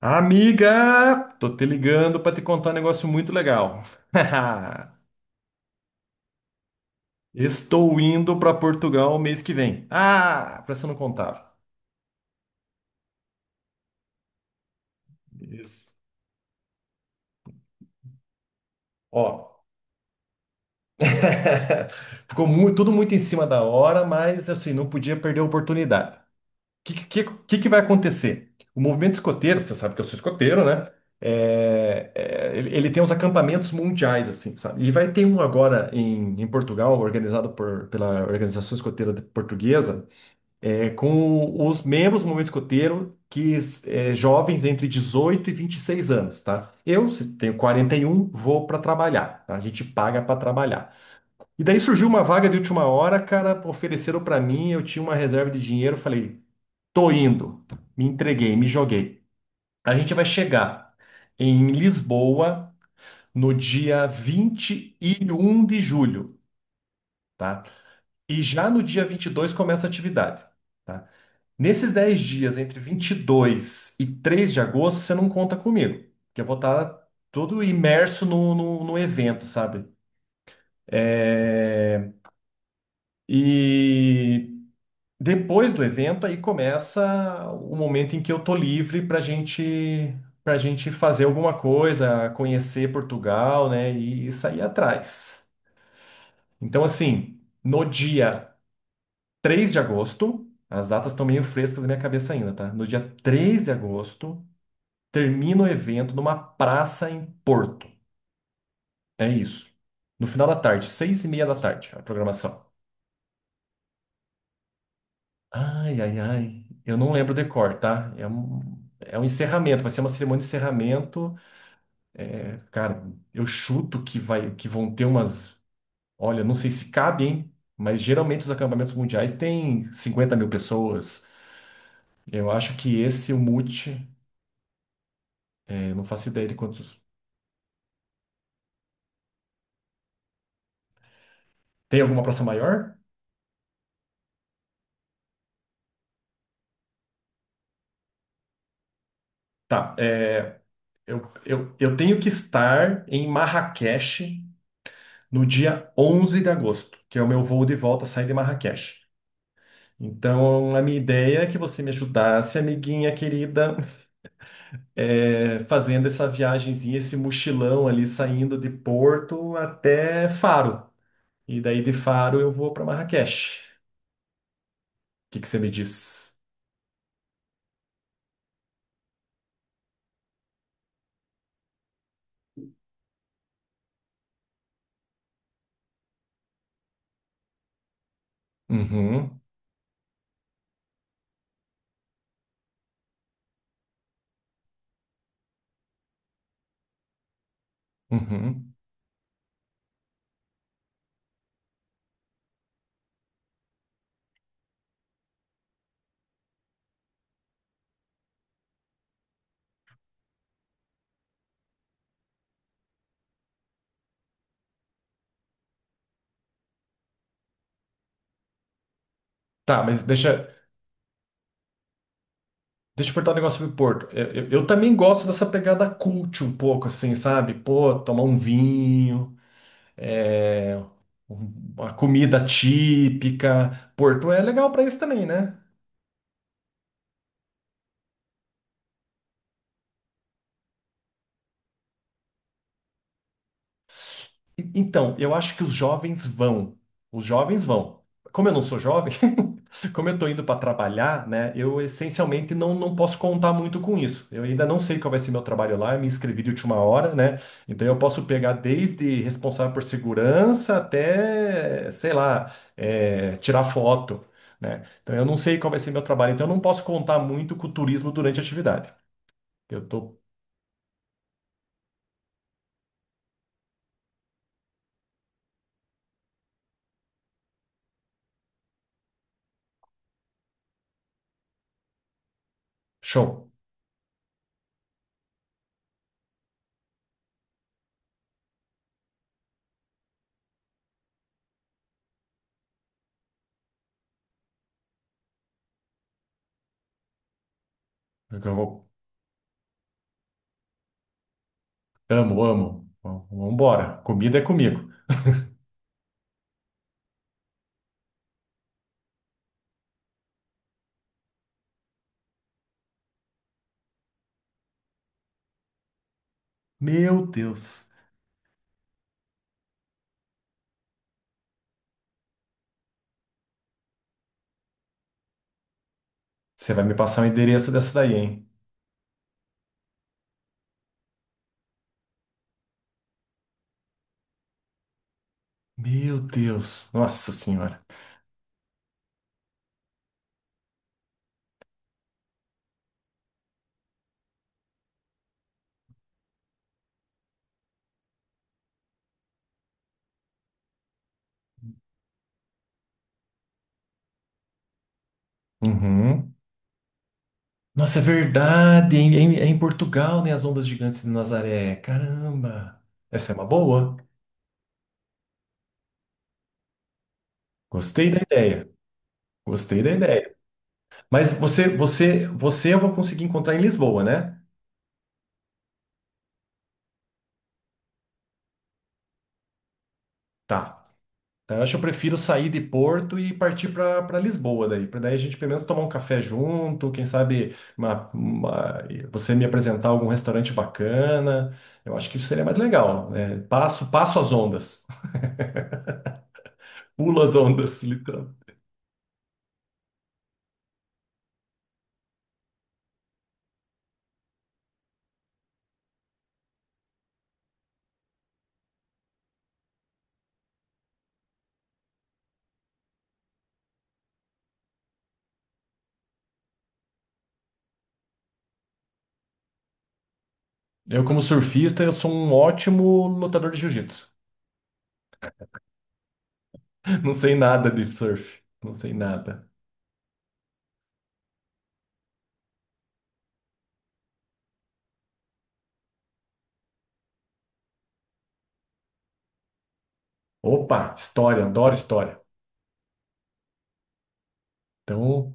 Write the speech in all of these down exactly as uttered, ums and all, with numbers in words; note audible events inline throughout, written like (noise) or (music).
Amiga, tô te ligando para te contar um negócio muito legal. (laughs) Estou indo para Portugal mês que vem. Ah, pra você não contava. Isso. Ó, (laughs) ficou mu- tudo muito em cima da hora, mas assim, não podia perder a oportunidade. O que, que, que, que vai acontecer? O movimento escoteiro, você sabe que eu sou escoteiro, né? É, é, ele, ele tem uns acampamentos mundiais, assim, sabe? E vai ter um agora em, em Portugal, organizado por, pela Organização Escoteira Portuguesa, é com os membros do movimento escoteiro que é, jovens entre dezoito e vinte e seis anos, tá? Eu se tenho quarenta e um, vou para trabalhar, tá? A gente paga para trabalhar. E daí surgiu uma vaga de última hora, cara, ofereceram para mim, eu tinha uma reserva de dinheiro, falei, tô indo, me entreguei, me joguei. A gente vai chegar em Lisboa no dia vinte e um de julho, tá? E já no dia vinte e dois começa a atividade, tá? Nesses dez dias, entre vinte e dois e três de agosto, você não conta comigo, porque eu vou estar todo imerso no, no, no evento, sabe? É. E depois do evento, aí começa o momento em que eu tô livre para gente, para gente fazer alguma coisa, conhecer Portugal, né? E, e sair atrás. Então, assim, no dia três de agosto, as datas estão meio frescas na minha cabeça ainda, tá? No dia três de agosto, termina o evento numa praça em Porto. É isso. No final da tarde, seis e meia da tarde, a programação. Ai, ai, ai. Eu não lembro o decor, tá? É um, é um encerramento, vai ser uma cerimônia de encerramento. Cara, eu chuto que vai, que vão ter umas. Olha, não sei se cabe, hein? Mas geralmente os acampamentos mundiais têm cinquenta mil pessoas. Eu acho que esse, é o Mute, eu não faço ideia de quantos. Tem alguma praça maior? Tá. é, eu, eu, eu tenho que estar em Marrakech no dia onze de agosto, que é o meu voo de volta, sair de Marrakech. Então, a minha ideia é que você me ajudasse, amiguinha querida, (laughs) é, fazendo essa viagenzinha, esse mochilão ali, saindo de Porto até Faro. E daí de Faro eu vou para Marrakech. O que que você me diz? Uhum, uhum. Tá, mas deixa, Deixa eu perguntar um negócio sobre Porto. Eu, eu- eu também gosto dessa pegada cult um pouco, assim, sabe? Pô, tomar um vinho, é, um- uma comida típica. Porto é legal pra isso também, né? E- Então, eu acho que os jovens vão. Os jovens vão. Como eu não sou jovem, (laughs) como eu tô indo para trabalhar, né? Eu essencialmente não, não posso contar muito com isso. Eu ainda não sei qual vai ser meu trabalho lá, eu me inscrevi de última hora, né? Então eu posso pegar desde responsável por segurança até, sei lá, é, tirar foto, né? Então eu não sei qual vai ser meu trabalho, então eu não posso contar muito com o turismo durante a atividade. Eu tô show. Eu vou- amo, amo. Vamos embora. Comida é comigo. Meu Deus. Você vai me passar o endereço dessa daí, hein? Meu Deus. Nossa Senhora. Uhum. Nossa, é verdade, hein? É em, é em Portugal, né? As ondas gigantes de Nazaré. Caramba. Essa é uma boa. Gostei da ideia. Gostei da ideia. Mas você, você, você eu vou conseguir encontrar em Lisboa, né? Tá. Tá, eu acho que eu prefiro sair de Porto e partir para para Lisboa daí, para daí a gente pelo menos tomar um café junto, quem sabe uma- uma- você me apresentar algum restaurante bacana. Eu acho que isso seria mais legal, né? Passo, passo as ondas, (laughs) pulo as ondas, literal. Eu como surfista, eu sou um ótimo lutador de jiu-jitsu. (laughs) Não sei nada de surf, não sei nada. Opa, história, adoro história. Então,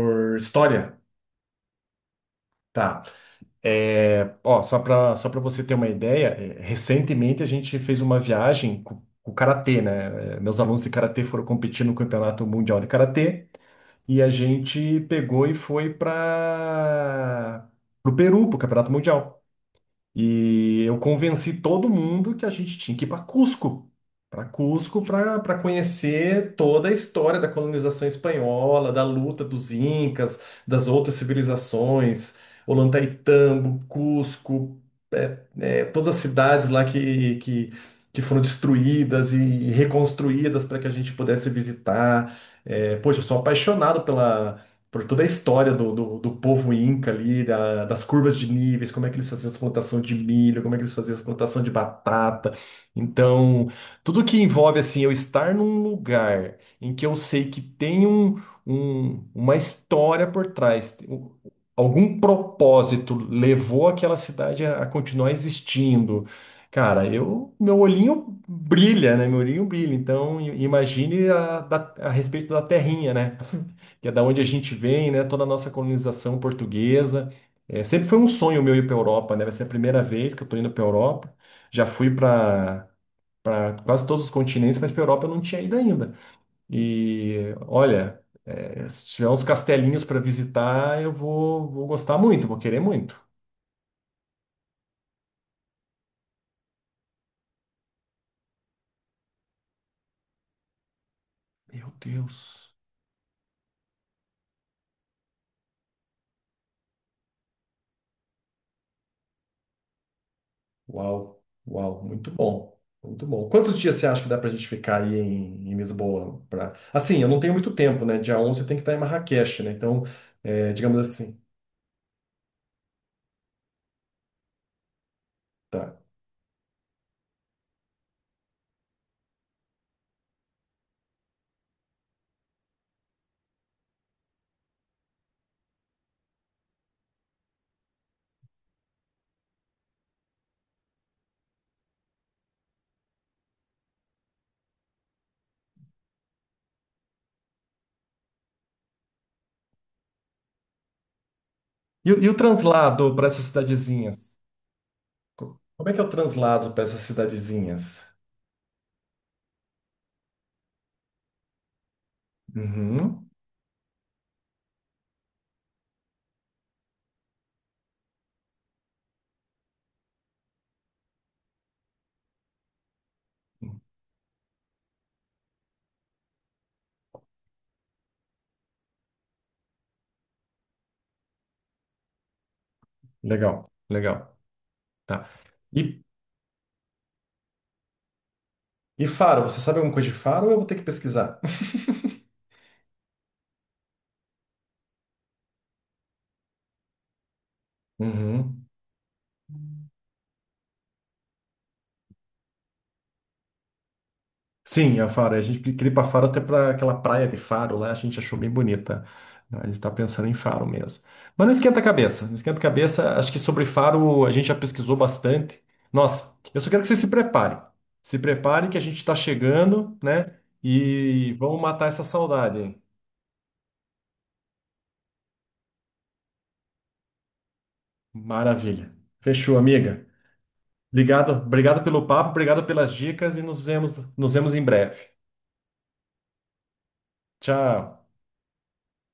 por história, tá. É, ó, só para só para você ter uma ideia, é, recentemente a gente fez uma viagem com, o karatê, né? É, meus alunos de karatê foram competir no Campeonato Mundial de Karatê e a gente pegou e foi para o Peru, para o Campeonato Mundial. E eu convenci todo mundo que a gente tinha que ir para Cusco, para Cusco, para conhecer toda a história da colonização espanhola, da luta dos incas, das outras civilizações, Ollantaytambo, Cusco, é, é, todas as cidades lá que, que, que foram destruídas e reconstruídas para que a gente pudesse visitar. É, poxa, eu sou apaixonado pela por toda a história do, do, do povo inca ali, da- das curvas de níveis, como é que eles faziam as plantação de milho, como é que eles faziam as plantação de batata. Então, tudo que envolve assim eu estar num lugar em que eu sei que tem um, um- uma história por trás, tem um- algum propósito levou aquela cidade a, a continuar existindo. Cara, eu, meu olhinho brilha, né? Meu olhinho brilha. Então, i- imagine a, da- a respeito da terrinha, né? Que é da onde a gente vem, né? Toda a nossa colonização portuguesa. É, sempre foi um sonho meu ir para a Europa, né? Vai ser a primeira vez que eu estou indo para a Europa. Já fui para para quase todos os continentes, mas para a Europa eu não tinha ido ainda. E olha, é, se tiver uns castelinhos para visitar, eu vou, vou gostar muito, vou querer muito. Meu Deus. Uau, uau, muito bom, muito bom. Quantos dias você acha que dá pra gente ficar aí em, em Lisboa? Pra... Assim, eu não tenho muito tempo, né? Dia onze eu tenho que estar em Marrakech, né? Então, é, digamos assim, tá. E, o e o translado para essas cidadezinhas? Co- Como é que é o translado para essas cidadezinhas? Uhum. Legal, legal, tá. E, e Faro, você sabe alguma coisa de Faro ou eu vou ter que pesquisar? (laughs) Uhum. Sim, a Faro. A gente queria ir para Faro até para aquela praia de Faro lá, a gente achou bem bonita, né. A gente tá pensando em Faro mesmo. Mas não esquenta a cabeça, não esquenta a cabeça. Acho que sobre Faro a gente já pesquisou bastante. Nossa, eu só quero que você se prepare. Se prepare que a gente está chegando, né? E vamos matar essa saudade, hein? Maravilha. Fechou, amiga. Obrigado, obrigado pelo papo, obrigado pelas dicas e nos vemos, nos vemos em breve. Tchau.